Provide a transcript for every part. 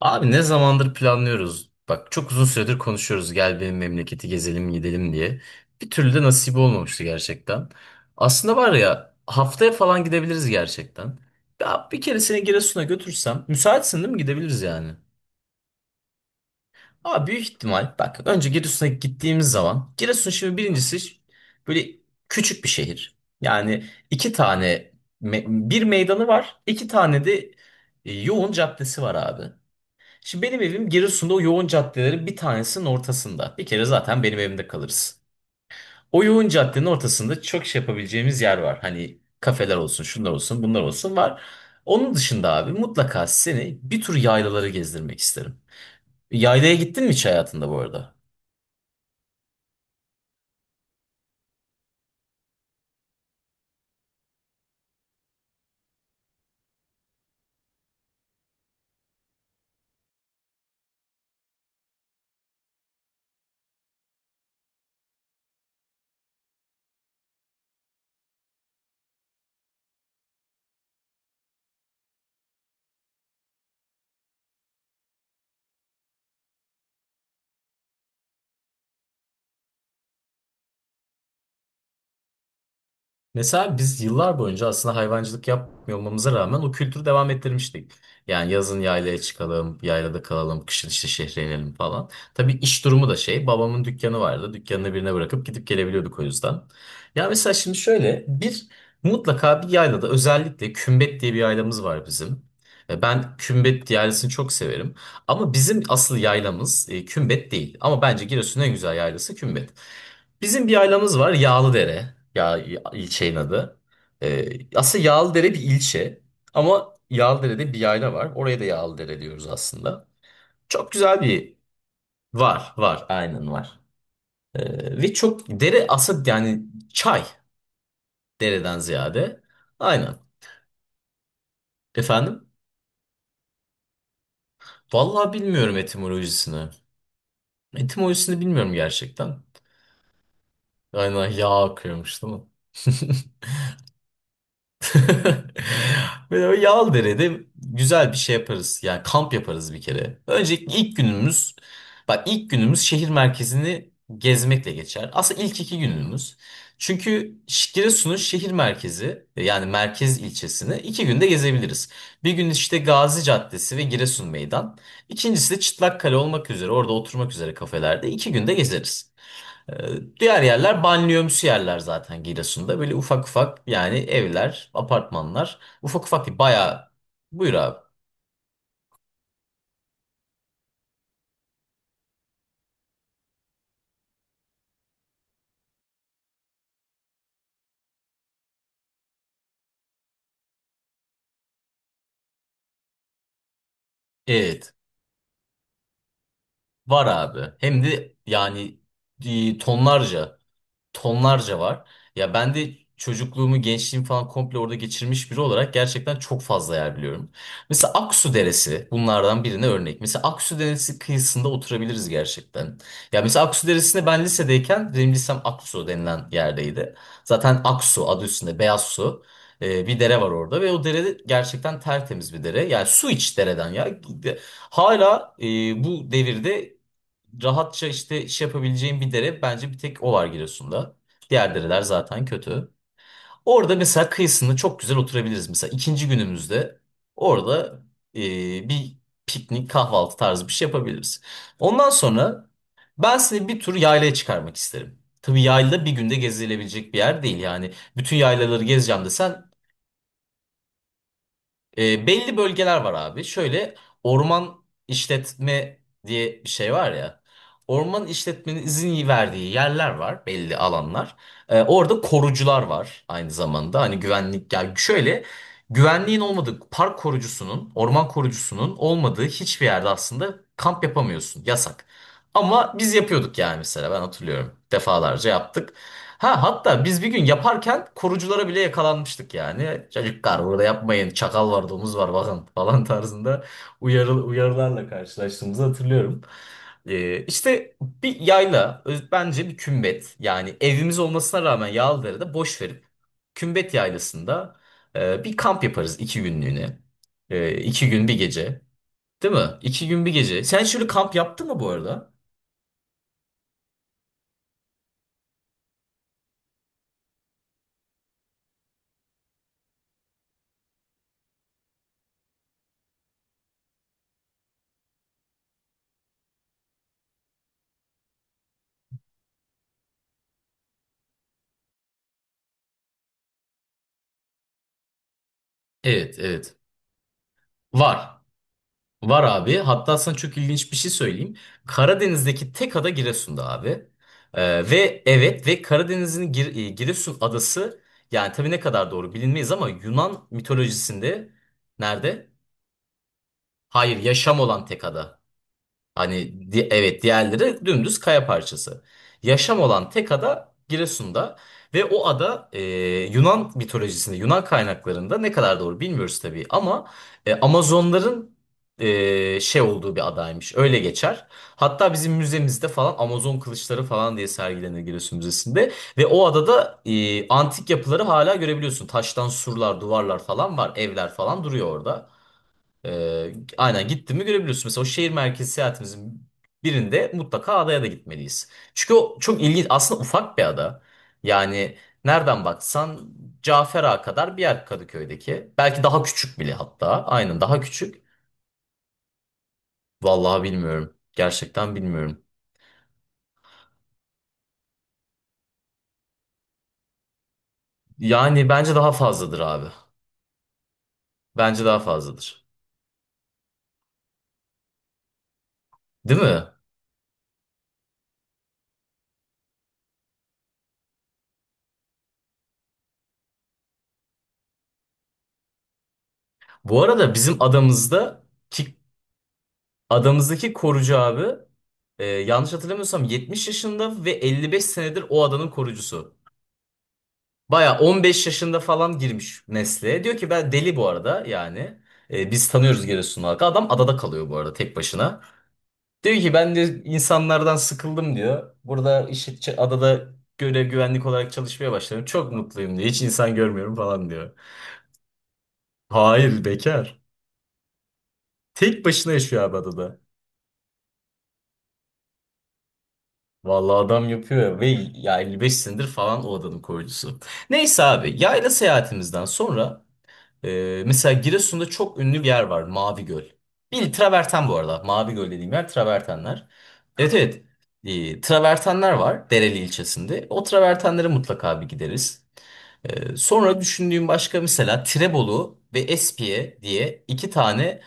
Abi ne zamandır planlıyoruz. Bak çok uzun süredir konuşuyoruz, gel benim memleketi gezelim gidelim diye. Bir türlü de nasip olmamıştı gerçekten. Aslında var ya, haftaya falan gidebiliriz gerçekten. Ya bir kere seni Giresun'a götürsem, müsaitsin değil mi, gidebiliriz yani. Ama büyük ihtimal bak, önce Giresun'a gittiğimiz zaman Giresun şimdi birincisi böyle küçük bir şehir. Yani iki tane bir meydanı var, iki tane de yoğun caddesi var abi. Şimdi benim evim Giresun'da o yoğun caddelerin bir tanesinin ortasında. Bir kere zaten benim evimde kalırız. O yoğun caddenin ortasında çok şey yapabileceğimiz yer var. Hani kafeler olsun, şunlar olsun, bunlar olsun, var. Onun dışında abi mutlaka seni bir tur yaylaları gezdirmek isterim. Yaylaya gittin mi hiç hayatında bu arada? Mesela biz yıllar boyunca aslında hayvancılık yapmıyor olmamıza rağmen o kültürü devam ettirmiştik. Yani yazın yaylaya çıkalım, yaylada kalalım, kışın işte şehre inelim falan. Tabii iş durumu da şey, babamın dükkanı vardı. Dükkanını birine bırakıp gidip gelebiliyorduk o yüzden. Ya mesela şimdi şöyle bir mutlaka bir yaylada, özellikle Kümbet diye bir yaylamız var bizim. Ben Kümbet yaylasını çok severim. Ama bizim asıl yaylamız Kümbet değil. Ama bence Giresun'un en güzel yaylası Kümbet. Bizim bir ailemız var, Yağlıdere. Ya ilçenin adı. Ee, aslında Yağlıdere bir ilçe, ama Yağlıdere'de bir yayla var. Oraya da Yağlıdere diyoruz aslında. Çok güzel bir var, aynen var. Ve çok dere aslında, yani çay dereden ziyade. Aynen. Efendim? Vallahi bilmiyorum etimolojisini. Etimolojisini bilmiyorum gerçekten. Aynen yağ akıyormuş değil mi? Böyle o Yağlıdere'de güzel bir şey yaparız. Yani kamp yaparız bir kere. Öncelikle ilk günümüz, bak ilk günümüz şehir merkezini gezmekle geçer. Aslında ilk iki günümüz. Çünkü Giresun'un şehir merkezi, yani merkez ilçesini iki günde gezebiliriz. Bir gün işte Gazi Caddesi ve Giresun Meydan. İkincisi de Çıtlakkale olmak üzere, orada oturmak üzere kafelerde iki günde gezeriz. Diğer yerler banliyömsü yerler zaten Giresun'da. Böyle ufak ufak yani, evler, apartmanlar. Ufak ufak değil, bayağı. Buyur abi. Evet. Var abi. Hem de yani tonlarca. Tonlarca var. Ya ben de çocukluğumu, gençliğimi falan komple orada geçirmiş biri olarak gerçekten çok fazla yer biliyorum. Mesela Aksu Deresi bunlardan birine örnek. Mesela Aksu Deresi kıyısında oturabiliriz gerçekten. Ya mesela Aksu Deresi'nde, ben lisedeyken benim lisem Aksu denilen yerdeydi. Zaten Aksu adı üstünde, beyaz su. Bir dere var orada ve o dere gerçekten tertemiz bir dere. Yani su iç dereden ya. Hala bu devirde rahatça işte iş yapabileceğin bir dere, bence bir tek o var Giresun'da. Diğer dereler zaten kötü. Orada mesela kıyısında çok güzel oturabiliriz. Mesela ikinci günümüzde orada e, bir piknik kahvaltı tarzı bir şey yapabiliriz. Ondan sonra ben size bir tur yaylaya çıkarmak isterim. Tabii yayla bir günde gezilebilecek bir yer değil. Yani bütün yaylaları gezeceğim desen belli bölgeler var abi. Şöyle orman işletme diye bir şey var ya. Orman işletmenin izin verdiği yerler var, belli alanlar. Orada korucular var aynı zamanda. Hani güvenlik, yani şöyle güvenliğin olmadığı, park korucusunun, orman korucusunun olmadığı hiçbir yerde aslında kamp yapamıyorsun. Yasak. Ama biz yapıyorduk yani, mesela ben hatırlıyorum. Defalarca yaptık. Ha hatta biz bir gün yaparken koruculara bile yakalanmıştık yani. Çocuklar burada yapmayın, çakal var, domuz var, bakın falan tarzında uyarılarla karşılaştığımızı hatırlıyorum. İşte bir yayla bence bir kümbet, yani evimiz olmasına rağmen Yağlıdere'de boş verip kümbet yaylasında bir kamp yaparız iki günlüğüne. İki gün bir gece değil mi? İki gün bir gece. Sen şöyle kamp yaptın mı bu arada? Evet, evet. Var. Var abi. Hatta sana çok ilginç bir şey söyleyeyim. Karadeniz'deki tek ada Giresun'da abi. Ve evet, ve Karadeniz'in Giresun adası, yani tabii ne kadar doğru bilinmeyiz ama Yunan mitolojisinde nerede? Hayır, yaşam olan tek ada. Hani evet, diğerleri dümdüz kaya parçası. Yaşam olan tek ada Giresun'da ve o ada Yunan mitolojisinde, Yunan kaynaklarında ne kadar doğru bilmiyoruz tabii, ama Amazonların şey olduğu bir adaymış. Öyle geçer. Hatta bizim müzemizde falan Amazon kılıçları falan diye sergilenir Giresun Müzesi'nde, ve o adada antik yapıları hala görebiliyorsun. Taştan surlar, duvarlar falan var, evler falan duruyor orada. Aynen, gittin mi görebiliyorsun. Mesela o şehir merkezi seyahatimizin birinde mutlaka adaya da gitmeliyiz. Çünkü o çok ilginç. Aslında ufak bir ada. Yani nereden baksan Cafer Ağa kadar bir yer, Kadıköy'deki. Belki daha küçük bile hatta. Aynen, daha küçük. Vallahi bilmiyorum. Gerçekten bilmiyorum. Yani bence daha fazladır abi. Bence daha fazladır. Değil mi? Bu arada bizim adamızda adamızdaki korucu abi yanlış hatırlamıyorsam 70 yaşında ve 55 senedir o adanın korucusu. Baya 15 yaşında falan girmiş mesleğe. Diyor ki ben deli bu arada, yani. Biz tanıyoruz, Giresun halkı. Adam adada kalıyor bu arada, tek başına. Diyor ki ben de insanlardan sıkıldım diyor. Burada işte adada görev, güvenlik olarak çalışmaya başladım. Çok mutluyum diyor. Hiç insan görmüyorum falan diyor. Hayır, bekar. Tek başına yaşıyor abi adada. Vallahi adam yapıyor ya. Ve ya 55 senedir falan o adanın koyucusu. Neyse abi, yayla seyahatimizden sonra mesela Giresun'da çok ünlü bir yer var, Mavi Göl. Bil traverten bu arada, Mavi Göl dediğim yer travertenler. Evet, evet. Travertenler var Dereli ilçesinde, o travertenlere mutlaka bir gideriz. Sonra düşündüğüm başka, mesela Tirebolu ve Espiye diye iki tane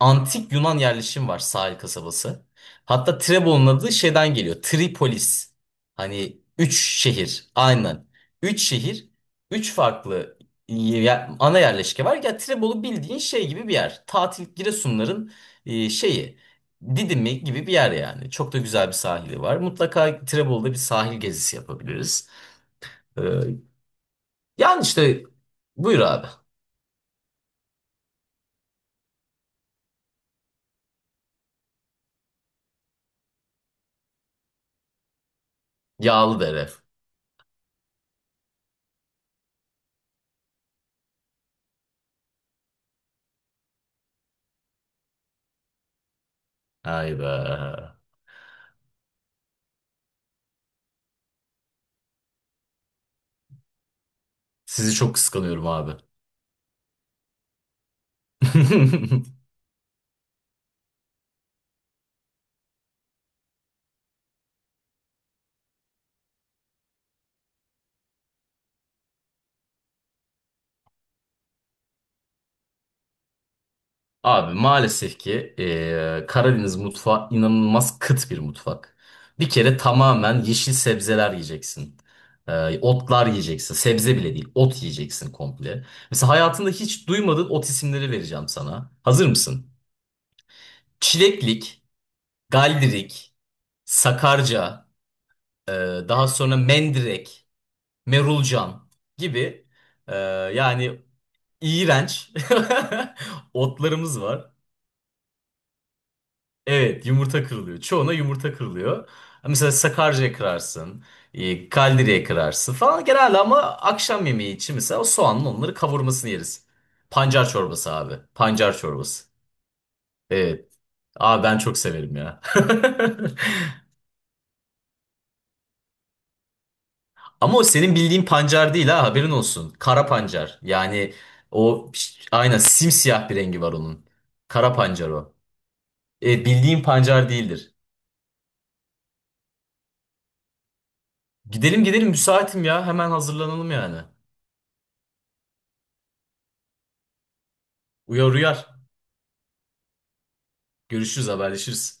antik Yunan yerleşim var, sahil kasabası. Hatta Trebon'un adı şeyden geliyor. Tripolis. Hani üç şehir. Aynen. Üç şehir. Üç farklı ana yerleşke var. Ya Trebolu bildiğin şey gibi bir yer. Tatil Giresunların şeyi. Didimi gibi bir yer yani. Çok da güzel bir sahili var. Mutlaka Trebolu'da bir sahil gezisi yapabiliriz. Ee, yani işte buyur abi. Yağlıdere. Ay be. Sizi çok kıskanıyorum abi. Abi maalesef ki Karadeniz mutfağı inanılmaz kıt bir mutfak. Bir kere tamamen yeşil sebzeler yiyeceksin. Otlar yiyeceksin. Sebze bile değil, ot yiyeceksin komple. Mesela hayatında hiç duymadığın ot isimleri vereceğim sana. Hazır mısın? Çileklik, galdirik, sakarca, daha sonra mendirek, merulcan gibi eee, yani iğrenç otlarımız var. Evet, yumurta kırılıyor. Çoğuna yumurta kırılıyor. Mesela Sakarca'ya kırarsın, kaldiriye kırarsın falan genelde, ama akşam yemeği için mesela o soğanın onları kavurmasını yeriz. Pancar çorbası abi. Pancar çorbası. Evet. Abi ben çok severim ya. Ama o senin bildiğin pancar değil, ha, haberin olsun. Kara pancar. Yani o aynen simsiyah bir rengi var onun. Kara pancar o. Evet, bildiğin pancar değildir. Gidelim gidelim, müsaitim ya. Hemen hazırlanalım yani. Uyar uyar. Görüşürüz, haberleşiriz.